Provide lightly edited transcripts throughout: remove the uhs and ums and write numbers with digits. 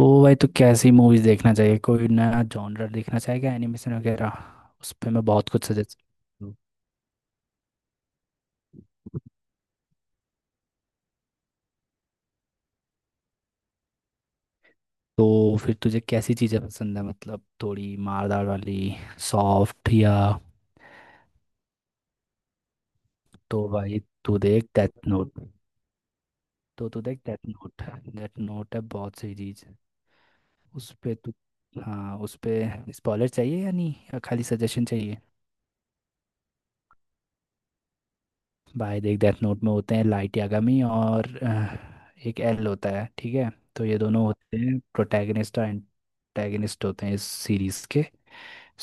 ओ भाई, तो कैसी मूवीज देखना चाहिए? कोई नया जॉनर देखना चाहेगा? एनिमेशन वगैरह? उस पे मैं बहुत कुछ सजेस्ट। तो फिर तुझे कैसी चीजें पसंद है? मतलब थोड़ी मारदार वाली, सॉफ्ट या? तो भाई, तू देख डेथ नोट। तू देख डेथ नोट। डेथ नोट है बहुत सही चीज। उस पे तू, हाँ उस पे स्पॉइलर चाहिए या नहीं, या खाली सजेशन चाहिए? भाई देख, डेथ नोट में होते हैं लाइट यागामी और एक एल होता है, ठीक है। तो ये दोनों होते हैं प्रोटैगनिस्ट और एंटैगनिस्ट होते हैं इस सीरीज के।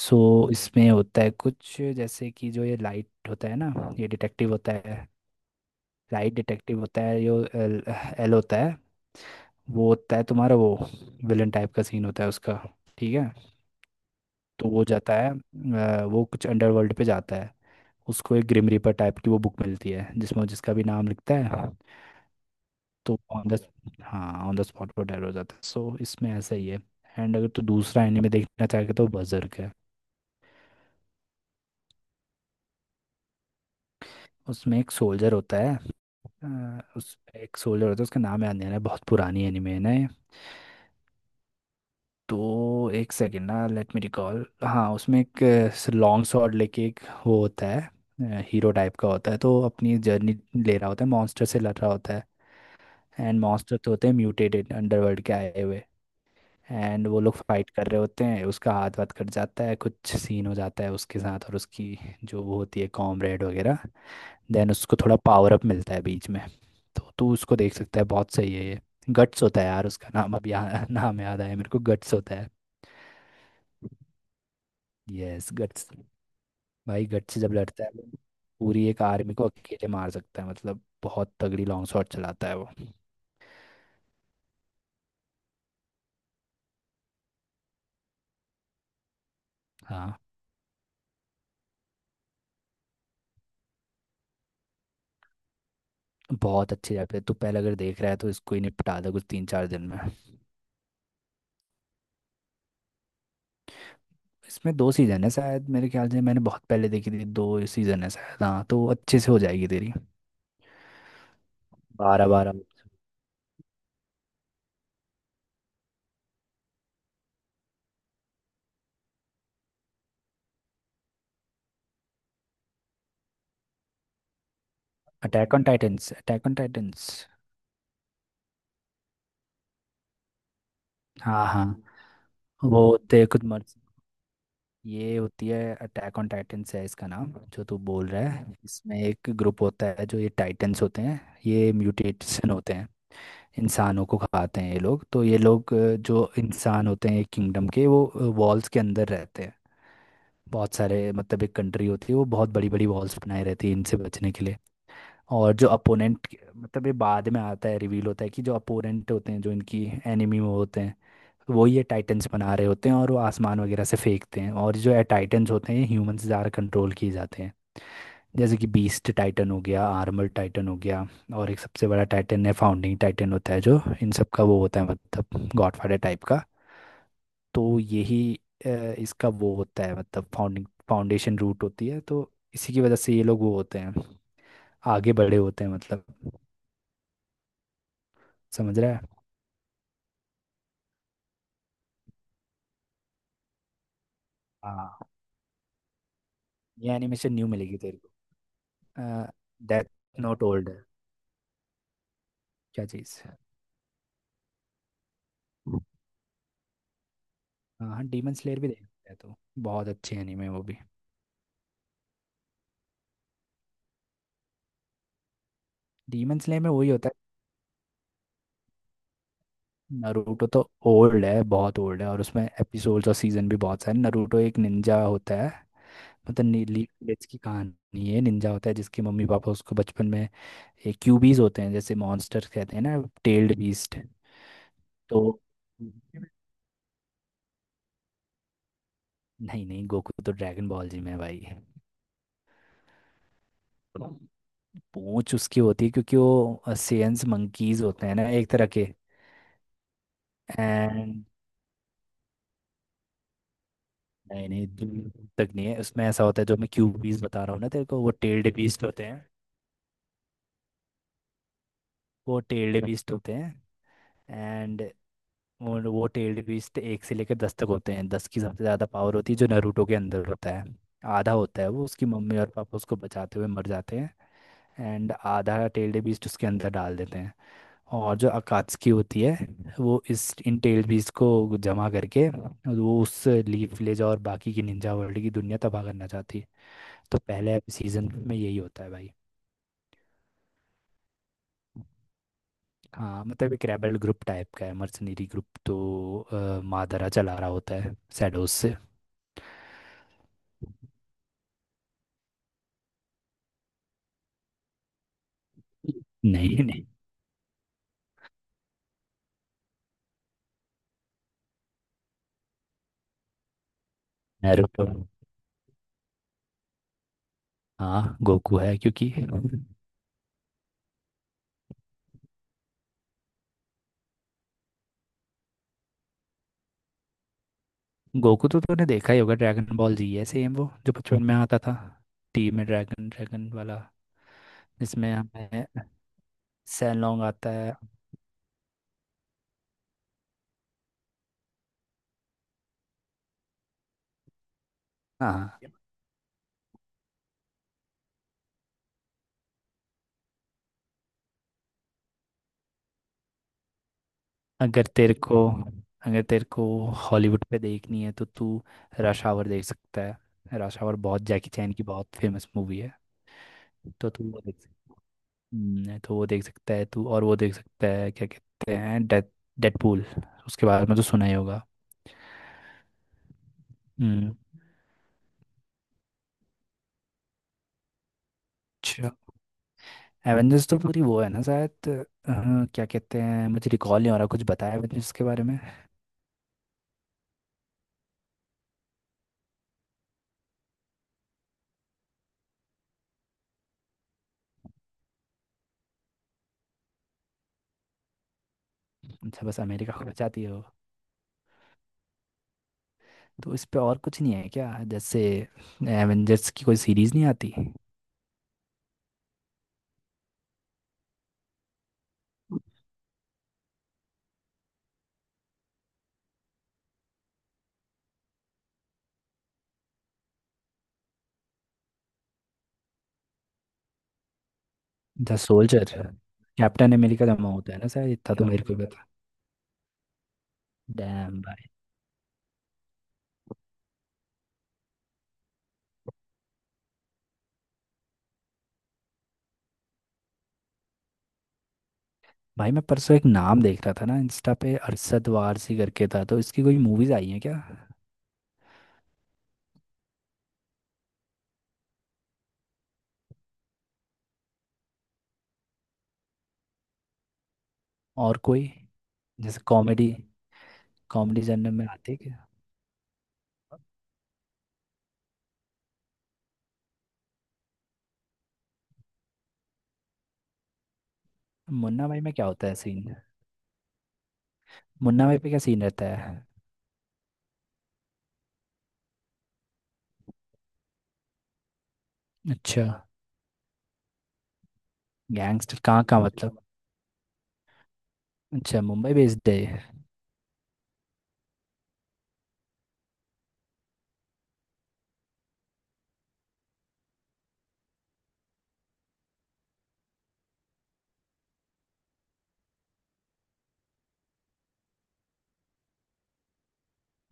सो इसमें होता है कुछ जैसे कि जो ये लाइट होता है ना, ये डिटेक्टिव होता है। लाइट डिटेक्टिव होता है, जो एल होता है, वो होता है तुम्हारा वो विलन टाइप का सीन होता है उसका, ठीक है। तो वो जाता है, वो कुछ अंडरवर्ल्ड पे जाता है। उसको एक ग्रिम रीपर टाइप की वो बुक मिलती है, जिसमें जिसका भी नाम लिखता है तो ऑन द, हाँ ऑन द स्पॉट वो डर हो जाता है। सो इसमें ऐसा ही है। एंड अगर तू दूसरा एनिमे देखना चाहे तो बजर्क है। उसमें एक सोल्जर होता है। उस एक सोल्जर होता है, उसका नाम याद नहीं आ रहा है, बहुत पुरानी एनिमे है ना ये। तो एक सेकेंड ना, लेट मी रिकॉल। हाँ, उसमें एक लॉन्ग शॉट लेके एक वो होता है, हीरो टाइप का होता है। तो अपनी जर्नी ले रहा होता है, मॉन्स्टर से लड़ रहा होता है। एंड मॉन्स्टर तो होते हैं म्यूटेटेड, अंडरवर्ल्ड के आए हुए। एंड वो लोग फाइट कर रहे होते हैं, उसका हाथ वाथ कट जाता है, कुछ सीन हो जाता है उसके साथ, और उसकी जो वो होती है कॉमरेड वगैरह। देन उसको थोड़ा पावर अप मिलता है बीच में, तो तू उसको देख सकता है, बहुत सही है ये। गट्स होता है यार, उसका नाम, अब यहाँ नाम याद आया मेरे को, गट्स होता है। Yes, guts. भाई गट्स जब लड़ता है वो, पूरी एक आर्मी को अकेले मार सकता है। मतलब बहुत तगड़ी लॉन्ग शॉट चलाता है वो। हाँ, बहुत अच्छी जाती है। तू पहले अगर देख रहा है तो इसको ही निपटा दे, कुछ तीन चार दिन में। इसमें दो सीजन है शायद, मेरे ख्याल से मैंने बहुत पहले देखी थी। दो सीजन है शायद, हाँ। तो अच्छे से हो जाएगी तेरी। बारह बारह। Attack on titans, attack on titans. हाँ हाँ, वो होते हैं खुद मर्ज। ये होती है, अटैक ऑन टाइटंस है इसका नाम जो तू बोल रहा है। इसमें एक ग्रुप होता है जो ये टाइटंस होते हैं, ये म्यूटेशन होते हैं। इंसानों को खाते हैं ये लोग। तो ये लोग, जो इंसान होते हैं किंगडम के, वो वॉल्स के अंदर रहते हैं। बहुत सारे, मतलब एक कंट्री होती है, वो बहुत बड़ी बड़ी वॉल्स बनाए रहती है इनसे बचने के लिए। और जो अपोनेंट, मतलब ये बाद में आता है, रिवील होता है कि जो अपोनेंट होते हैं, जो इनकी एनिमी वो होते हैं, वो ये टाइटन्स बना रहे होते हैं। और वो आसमान वगैरह से फेंकते हैं, और जो टाइटन्स होते हैं ये ह्यूमन से ज़्यादा कंट्रोल किए जाते हैं। जैसे कि बीस्ट टाइटन हो गया, आर्मर टाइटन हो गया। और एक सबसे बड़ा टाइटन है, फाउंडिंग टाइटन होता है, जो इन सब का वो होता है, मतलब गॉडफादर टाइप का। तो यही अ, इसका वो होता है, मतलब फाउंडिंग फाउंडेशन रूट होती है। तो इसी की वजह से ये लोग वो होते हैं, आगे बड़े होते हैं, मतलब समझ रहा है। हाँ, ये एनिमेशन न्यू मिलेगी तेरे को। डेथ नोट ओल्ड है, क्या चीज़ है। हाँ हाँ, डीमन स्लेयर भी देख सकते हैं तो, बहुत अच्छी एनीमे है वो भी। डीमन स्लेयर में वही होता है। नारुतो तो ओल्ड है, बहुत ओल्ड है, और उसमें एपिसोड्स और सीजन भी बहुत सारे। नारुतो एक निंजा होता है, मतलब नीली विलेज की कहानी है। निंजा होता है जिसके मम्मी पापा उसको बचपन में, एक क्यूबीज होते हैं जैसे मॉन्स्टर कहते हैं ना, टेल्ड बीस्ट। तो नहीं नहीं, गोकू तो ड्रैगन बॉल जी में है भाई। पूंछ उसकी होती है क्योंकि वो सेंस मंकीज होते हैं ना एक तरह के। एंड नहीं नहीं, दूर तक नहीं है। उसमें ऐसा होता है, जो मैं क्यूबीज बता रहा हूँ ना तेरे को, वो टेल्ड बीस्ट होते हैं। वो टेल्ड बीस्ट होते हैं एंड और वो टेल्ड बीस्ट एक से लेकर दस तक होते हैं, दस की सबसे ज़्यादा पावर होती है, जो नारुतो के अंदर होता है आधा होता है वो। उसकी मम्मी और पापा उसको बचाते हुए मर जाते हैं, एंड आधा टेल्ड बीस्ट उसके अंदर डाल देते हैं। और जो अकात्सुकी होती है, वो इस इन टेल्ड बीस्ट को जमा करके, वो उस लीफ विलेज और बाकी की निंजा वर्ल्ड की दुनिया तबाह करना चाहती है। तो पहले सीजन में यही होता है भाई। हाँ, मतलब एक रेबल ग्रुप टाइप का है, मर्सनरी ग्रुप। तो मादारा चला रहा होता है शैडोज से। नहीं नहीं, नारुतो। हाँ गोकू है, क्योंकि गोकू तो तूने देखा ही होगा। ड्रैगन बॉल जी है, सेम वो जो बचपन में आता था टीवी में, ड्रैगन ड्रैगन वाला, जिसमें हमें सैलॉन्ग आता है। हाँ, अगर तेरे को, अगर तेरे को हॉलीवुड पे देखनी है तो तू रश आवर देख सकता है। रश आवर, बहुत जैकी चैन की बहुत फेमस मूवी है। तो तू वो देख सकता, तो वो देख सकता है तू। और वो देख सकता है क्या कहते हैं, डेथ, डेडपूल। उसके बारे में तो सुना ही होगा। हम्म। अच्छा, एवेंजर्स तो पूरी वो है ना शायद, क्या कहते हैं, मुझे रिकॉल नहीं हो रहा। कुछ बताया एवेंजर्स के बारे में। अच्छा, बस अमेरिका को बचाती है वो? तो इस पे और कुछ नहीं है क्या? जैसे एवेंजर्स की कोई सीरीज नहीं आती? द सोल्जर, कैप्टन अमेरिका का नाम होता है ना शायद, इतना तो मेरे को भी पता। डैम। भाई मैं परसों एक नाम देख रहा था ना इंस्टा पे, अरशद वारसी करके था, तो इसकी कोई मूवीज आई हैं क्या? और कोई जैसे कॉमेडी, कॉमेडी जॉनर में आती है क्या? मुन्ना भाई में क्या होता है सीन? मुन्ना भाई पे क्या सीन रहता है? अच्छा, गैंगस्टर कहाँ का मतलब? अच्छा, मुंबई बेस्ड है ये।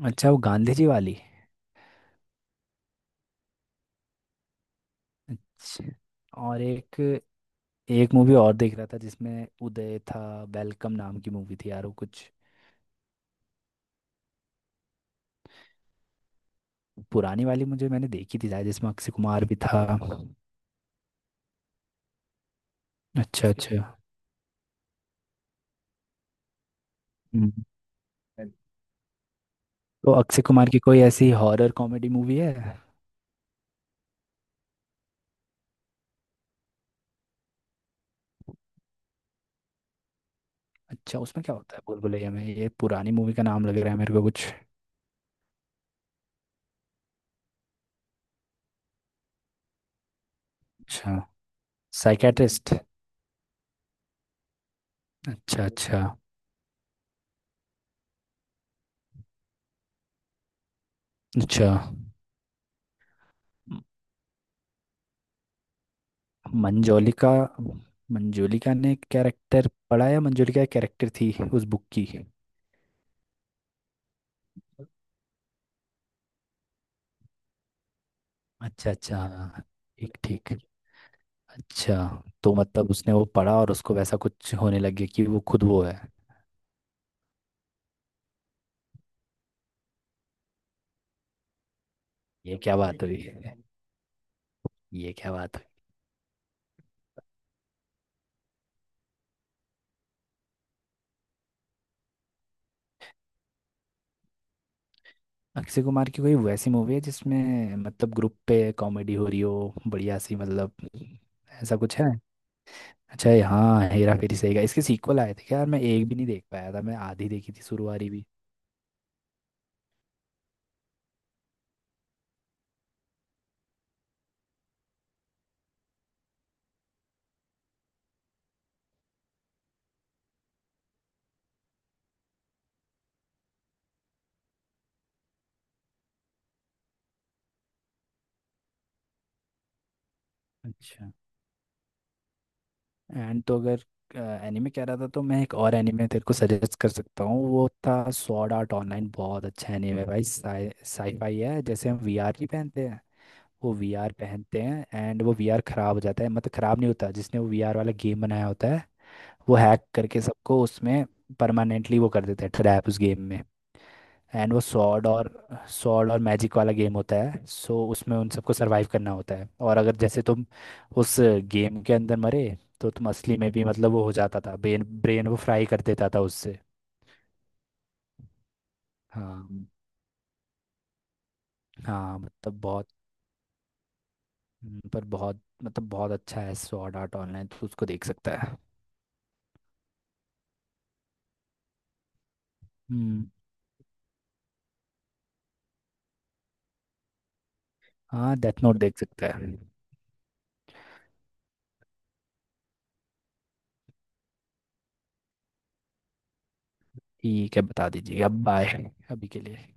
अच्छा, वो गांधी जी वाली। अच्छा। और एक, एक मूवी और देख रहा था जिसमें उदय था, वेलकम नाम की मूवी थी यार, वो कुछ पुरानी वाली मुझे, मैंने देखी थी शायद जिसमें अक्षय कुमार भी था। अच्छा अच्छा। हम्म। है। तो अक्षय कुमार की कोई ऐसी हॉरर कॉमेडी मूवी है? अच्छा, उसमें क्या होता है भूलभुलैया में? ये पुरानी मूवी का नाम लग रहा है मेरे को कुछ। अच्छा, साइकेट्रिस्ट? अच्छा अच्छा। अच्छा। म- मंजोलिका। मंजोलिका ने कैरेक्टर पढ़ा या मंजोलिका एक कैरेक्टर थी उस बुक की? अच्छा अच्छा हाँ, ठीक ठीक। अच्छा, तो मतलब उसने वो पढ़ा और उसको वैसा कुछ होने लग गया कि वो खुद वो है? ये क्या बात हुई? ये क्या बात? अक्षय कुमार की कोई वैसी मूवी है जिसमें मतलब ग्रुप पे कॉमेडी हो रही हो, बढ़िया सी, मतलब ऐसा कुछ है? अच्छा, ये हाँ हेरा फेरी, सही का। इसके सीक्वल आए थे क्या यार? मैं एक भी नहीं देख पाया था, मैं आधी देखी थी शुरुआरी भी। अच्छा। एंड, तो अगर एनिमे कह रहा था तो मैं एक और एनिमे तेरे को सजेस्ट कर सकता हूँ। वो था सॉर्ड आर्ट ऑनलाइन, बहुत अच्छा एनिमे भाई। साईफाई है, जैसे हम वीआर नहीं पहनते हैं, वो वीआर पहनते हैं। एंड वो वीआर खराब हो जाता है, मतलब खराब नहीं होता, जिसने वो वीआर वाला गेम बनाया होता है वो हैक करके सबको उसमें परमानेंटली वो कर देते हैं, ट्रैप उस गेम में। एंड वो सॉर्ड और मैजिक वाला गेम होता है। सो उसमें उन सबको सरवाइव करना होता है, और अगर जैसे तुम उस गेम के अंदर मरे, तो तुम असली में भी, मतलब वो हो जाता था, ब्रेन ब्रेन वो फ्राई कर देता था उससे। हाँ, हाँ मतलब बहुत, पर बहुत मतलब बहुत अच्छा है सॉर्ड आर्ट ऑनलाइन, तो उसको देख सकता है। हम्म। हाँ, डेथ नोट देख सकता है। ठीक है, बता दीजिए। अब बाय, अभी के लिए।